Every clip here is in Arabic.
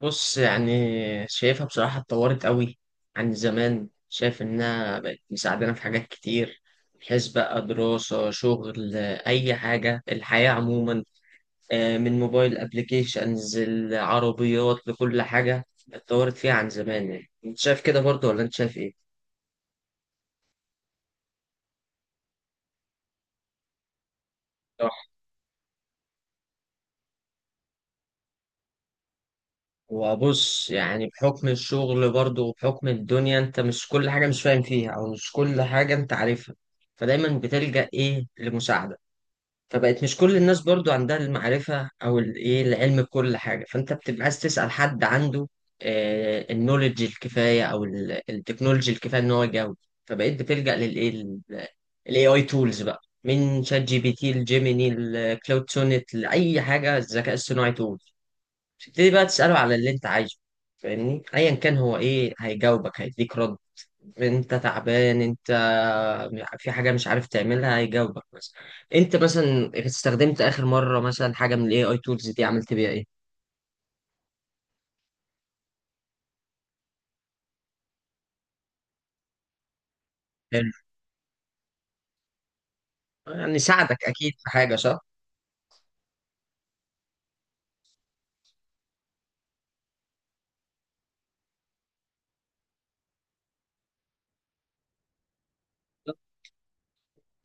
بص يعني شايفها بصراحة اتطورت قوي عن زمان. شايف إنها بقت مساعدانا في حاجات كتير، بحيث بقى دراسة شغل أي حاجة الحياة عموما. آه، من موبايل أبليكيشنز العربيات لكل حاجة اتطورت فيها عن زمان. يعني أنت شايف كده برضه ولا أنت شايف إيه؟ صح. وبص يعني بحكم الشغل برضه وبحكم الدنيا، أنت مش كل حاجة مش فاهم فيها أو مش كل حاجة أنت عارفها، فدايما بتلجأ إيه لمساعدة. فبقت مش كل الناس برضو عندها المعرفة أو الإيه العلم بكل حاجة، فأنت بتبقى عايز تسأل حد عنده النولج الكفاية أو التكنولوجي الكفاية إن هو يجاوب. فبقيت بتلجأ للإيه ال AI tools بقى من شات جي بي تي لجيميني لكلاود سونيت لأي حاجة الذكاء الصناعي تول. تبتدي بقى تسأله على اللي أنت عايزه، فاهمني، أيا كان هو إيه هيجاوبك هيديك رد. انت تعبان، انت في حاجه مش عارف تعملها، هيجاوبك مثلا. انت مثلا استخدمت اخر مره مثلا حاجه من الاي اي تولز دي عملت بيها ايه؟ حلو. يعني ساعدك اكيد في حاجه صح.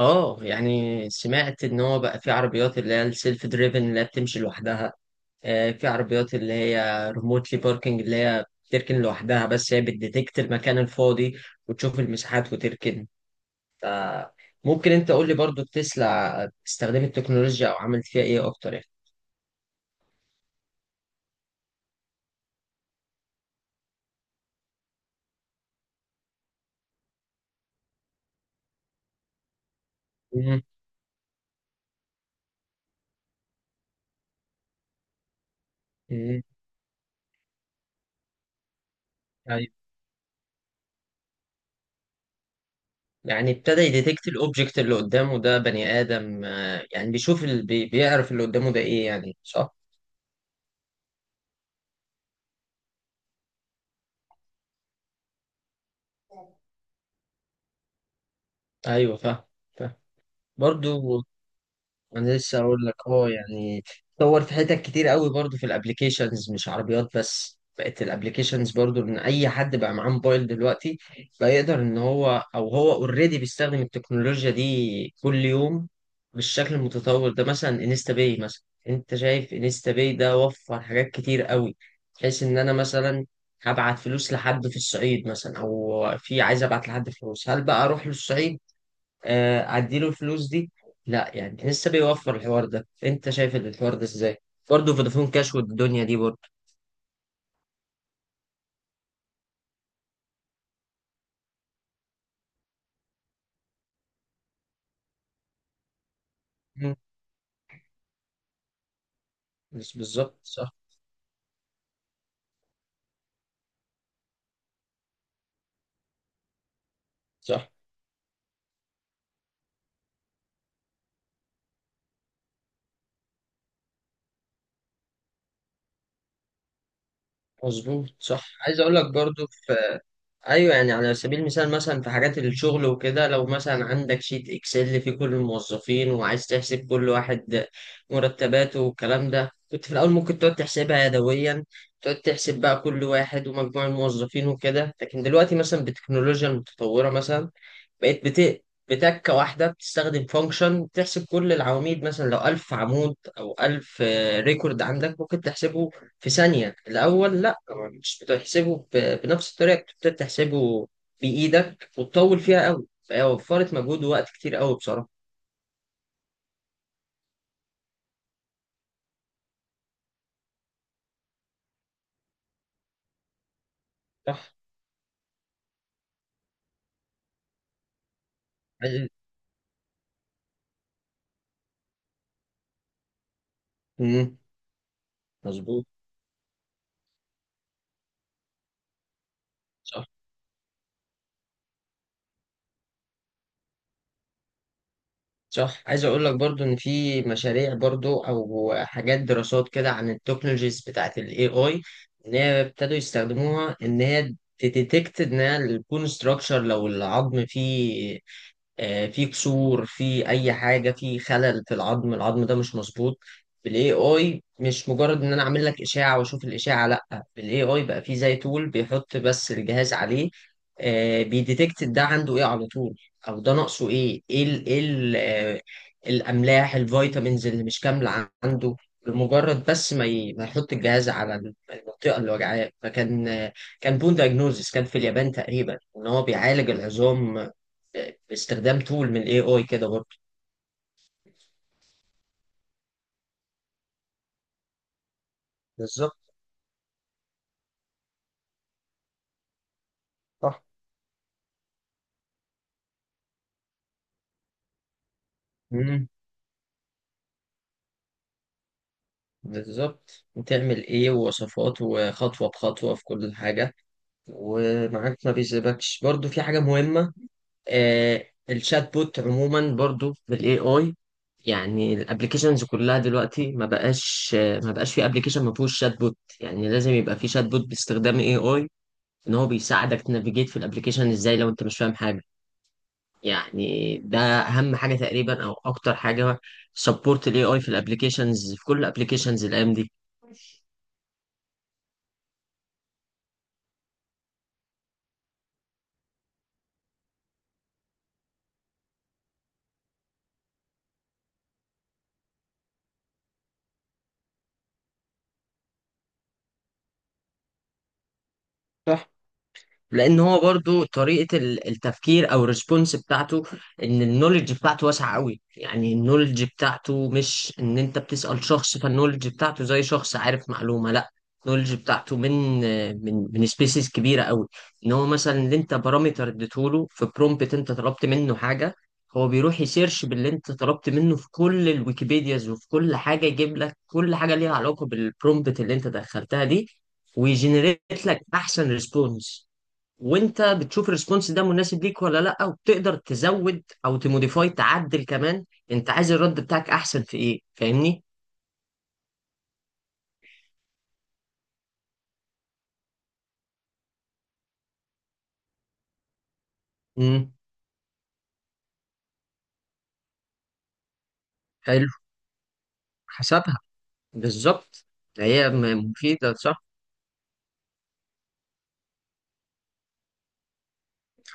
اه يعني سمعت ان هو بقى في عربيات اللي هي السيلف دريفن اللي هي بتمشي لوحدها. آه، في عربيات اللي هي ريموتلي باركنج اللي هي بتركن لوحدها، بس هي بتديتكت المكان الفاضي وتشوف المساحات وتركن. ممكن انت قول لي برضو تسلا استخدمت التكنولوجيا او عملت فيها ايه اكتر؟ يعني مم. طيب. يعني ابتدى يديتكت الاوبجكت اللي قدامه ده بني ادم، آه، يعني بيشوف بيعرف اللي قدامه ده ايه يعني صح؟ ايوه فاهم. فاهم برضو. انا لسه اقول لك اه يعني اتطور في حتت كتير قوي برضو في الابليكيشنز، مش عربيات بس، بقت الابليكيشنز برضو ان اي حد بقى معاه موبايل دلوقتي بقى يقدر ان هو او هو اوريدي بيستخدم التكنولوجيا دي كل يوم بالشكل المتطور ده، مثلا انستا باي مثلا. انت شايف انستا باي ده وفر حاجات كتير قوي، بحيث ان انا مثلا هبعت فلوس لحد في الصعيد مثلا او في عايز ابعت لحد فلوس، هل بقى اروح للصعيد آه، اديله الفلوس دي؟ لا. يعني لسه بيوفر الحوار ده، انت شايف الحوار ده ازاي برضه؟ فودافون كاش والدنيا دي برضه. مم. بس بالظبط صح. صح مظبوط صح عايز اقول لك برضه في. ايوه يعني على سبيل المثال مثلا في حاجات الشغل وكده، لو مثلا عندك شيت اكسل فيه كل الموظفين وعايز تحسب كل واحد مرتباته والكلام ده، كنت في الاول ممكن تقعد تحسبها يدويا، تقعد تحسب بقى كل واحد ومجموع الموظفين وكده، لكن دلوقتي مثلا بالتكنولوجيا المتطوره مثلا بقيت بتكة واحدة بتستخدم فانكشن تحسب كل العواميد مثلا لو ألف عمود أو ألف ريكورد عندك ممكن تحسبه في ثانية. الأول لأ، مش بتحسبه بنفس الطريقة بتبتدي تحسبه بإيدك وتطول فيها أوي، فهي وفرت مجهود ووقت كتير أوي بصراحة صح. عايز- مم. مظبوط صح. صح عايز اقول لك برضو ان في مشاريع برضو او حاجات دراسات كده عن التكنولوجيز بتاعت الاي اي، ان هي ابتدوا يستخدموها ان هي تديتكت ان هي البون ستراكشر لو العظم فيه آه، في كسور في اي حاجه في خلل في العظم، العظم ده مش مظبوط بالاي اي. مش مجرد ان انا اعمل لك اشاعه واشوف الاشاعه، لا، بالاي اي بقى في زي تول بيحط بس الجهاز عليه آه، بيديتكت ده عنده ايه على طول او ده ناقصه ايه. ايه ال ايه ال آه، الاملاح الفيتامينز اللي مش كامله عنده. بمجرد بس ما ما يحط الجهاز على المنطقه اللي وجعاه. فكان آه، كان بون دايجنوزس كان في اليابان تقريبا ان هو بيعالج العظام باستخدام تول من الاي اي كده برضه. بالظبط صح. مم. بالظبط بتعمل ايه ووصفات وخطوة بخطوة في كل حاجة، ومعاك ما بيسيبكش برضو في حاجة مهمة. آه الشات بوت عموما برضو بالاي اي. يعني الابلكيشنز كلها دلوقتي ما بقاش في ابلكيشن ما فيهوش شات بوت. يعني لازم يبقى في شات بوت باستخدام اي اي ان هو بيساعدك تنافيجيت في الابلكيشن ازاي لو انت مش فاهم حاجة. يعني ده اهم حاجه تقريبا او اكتر حاجه سبورت الاي اي في الابلكيشنز في كل الابلكيشنز الايام دي. صح. لان هو برضو طريقه التفكير او الريسبونس بتاعته، ان النولج بتاعته واسعه قوي، يعني النولج بتاعته مش ان انت بتسال شخص، فالنولج بتاعته زي شخص عارف معلومه لا. النولج بتاعته من سبيسيز كبيره قوي. ان هو مثلا اللي انت بارامتر اديته له في برومبت، انت طلبت منه حاجه، هو بيروح يسيرش باللي انت طلبت منه في كل الويكيبيدياز وفي كل حاجه، يجيب لك كل حاجه ليها علاقه بالبرومبت اللي انت دخلتها دي، ويجنريت لك احسن ريسبونس. وانت بتشوف الريسبونس ده مناسب ليك ولا لا، وبتقدر تزود او تموديفاي تعدل كمان، انت عايز الرد بتاعك احسن في ايه فاهمني. امم حلو. حسبها بالظبط. هي مفيدة صح.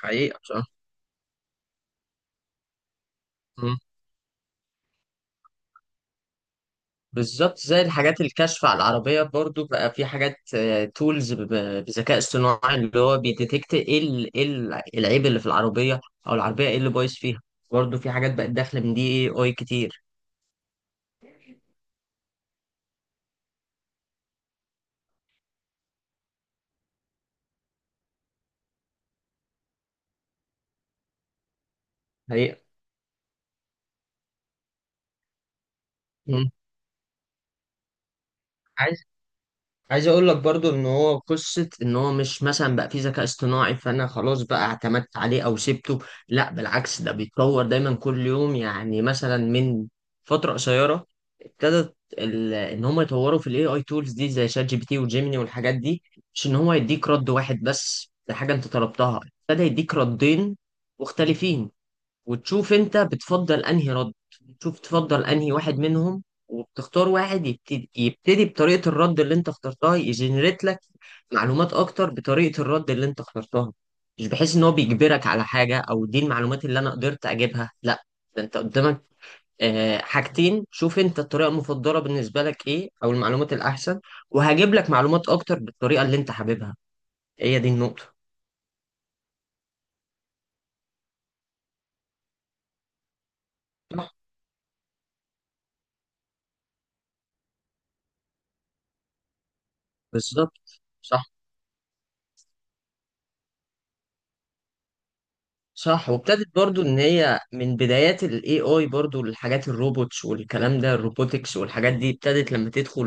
حقيقة صح. مم. بالظبط زي الحاجات الكشف على العربية برضو بقى في حاجات تولز بذكاء اصطناعي اللي هو بيديتكت العيب اللي في العربية او العربية ايه اللي بايظ فيها. برضو في حاجات بقت داخلة من دي إيه اي كتير. حقيقة. مم. عايز اقول لك برضو ان هو قصة ان هو مش مثلا بقى فيه ذكاء اصطناعي فانا خلاص بقى اعتمدت عليه او سبته، لا بالعكس ده بيتطور دايما كل يوم. يعني مثلا من فترة قصيرة ابتدت ان هم يطوروا في الاي اي تولز دي زي شات جي بي تي وجيميني والحاجات دي، مش ان هو يديك رد واحد بس ده حاجة انت طلبتها، ابتدى يديك ردين مختلفين. وتشوف انت بتفضل انهي رد، تشوف تفضل انهي واحد منهم، وبتختار واحد يبتدي بطريقة الرد اللي انت اخترتها يجنريت لك معلومات اكتر بطريقة الرد اللي انت اخترتها. مش بحيث ان هو بيجبرك على حاجة او دي المعلومات اللي انا قدرت اجيبها لا، ده انت قدامك آه، حاجتين، شوف انت الطريقة المفضلة بالنسبة لك ايه او المعلومات الاحسن، وهجيب لك معلومات اكتر بالطريقة اللي انت حاببها، هي دي النقطة. صح بالظبط صح. صح وابتدت برضو ان هي من بدايات الاي اي برضو الحاجات الروبوتس والكلام ده الروبوتكس والحاجات دي ابتدت لما تدخل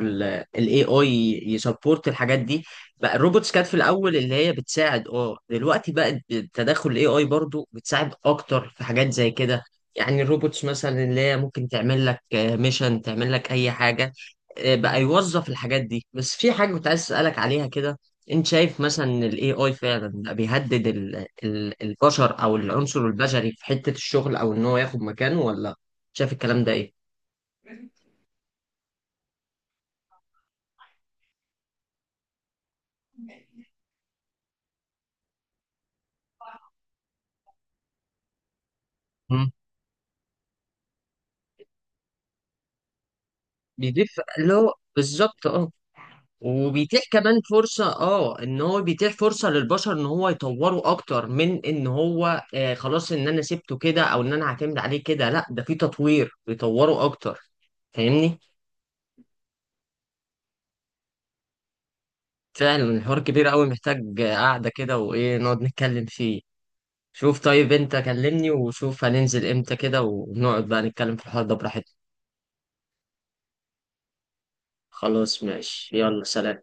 الاي اي يسبورت الحاجات دي. بقى الروبوتس كانت في الاول اللي هي بتساعد اه دلوقتي بقت بتدخل الاي اي برضو بتساعد اكتر في حاجات زي كده. يعني الروبوتس مثلا اللي هي ممكن تعمل لك ميشن تعمل لك اي حاجة. آه، بقى يوظف الحاجات دي، بس في حاجة كنت عايز اسألك عليها كده. انت شايف مثلا الاي اي فعلا بقى بيهدد البشر او العنصر البشري في حتة الشغل او ان هو ياخد مكانه ولا؟ شايف الكلام ده ايه؟ مم. بيضيف اللي هو بالظبط اه، وبيتيح كمان فرصة اه ان هو بيتيح فرصة للبشر ان هو يطوروا اكتر من ان هو آه خلاص ان انا سبته كده او ان انا هعتمد عليه كده لا، ده في تطوير بيطوروا اكتر فاهمني. فعلا الحوار كبير قوي محتاج قعدة كده وايه نقعد نتكلم فيه. شوف طيب انت كلمني وشوف هننزل امتى كده ونقعد بقى نتكلم في الحوار ده براحتنا. خلاص ماشي يلا سلام.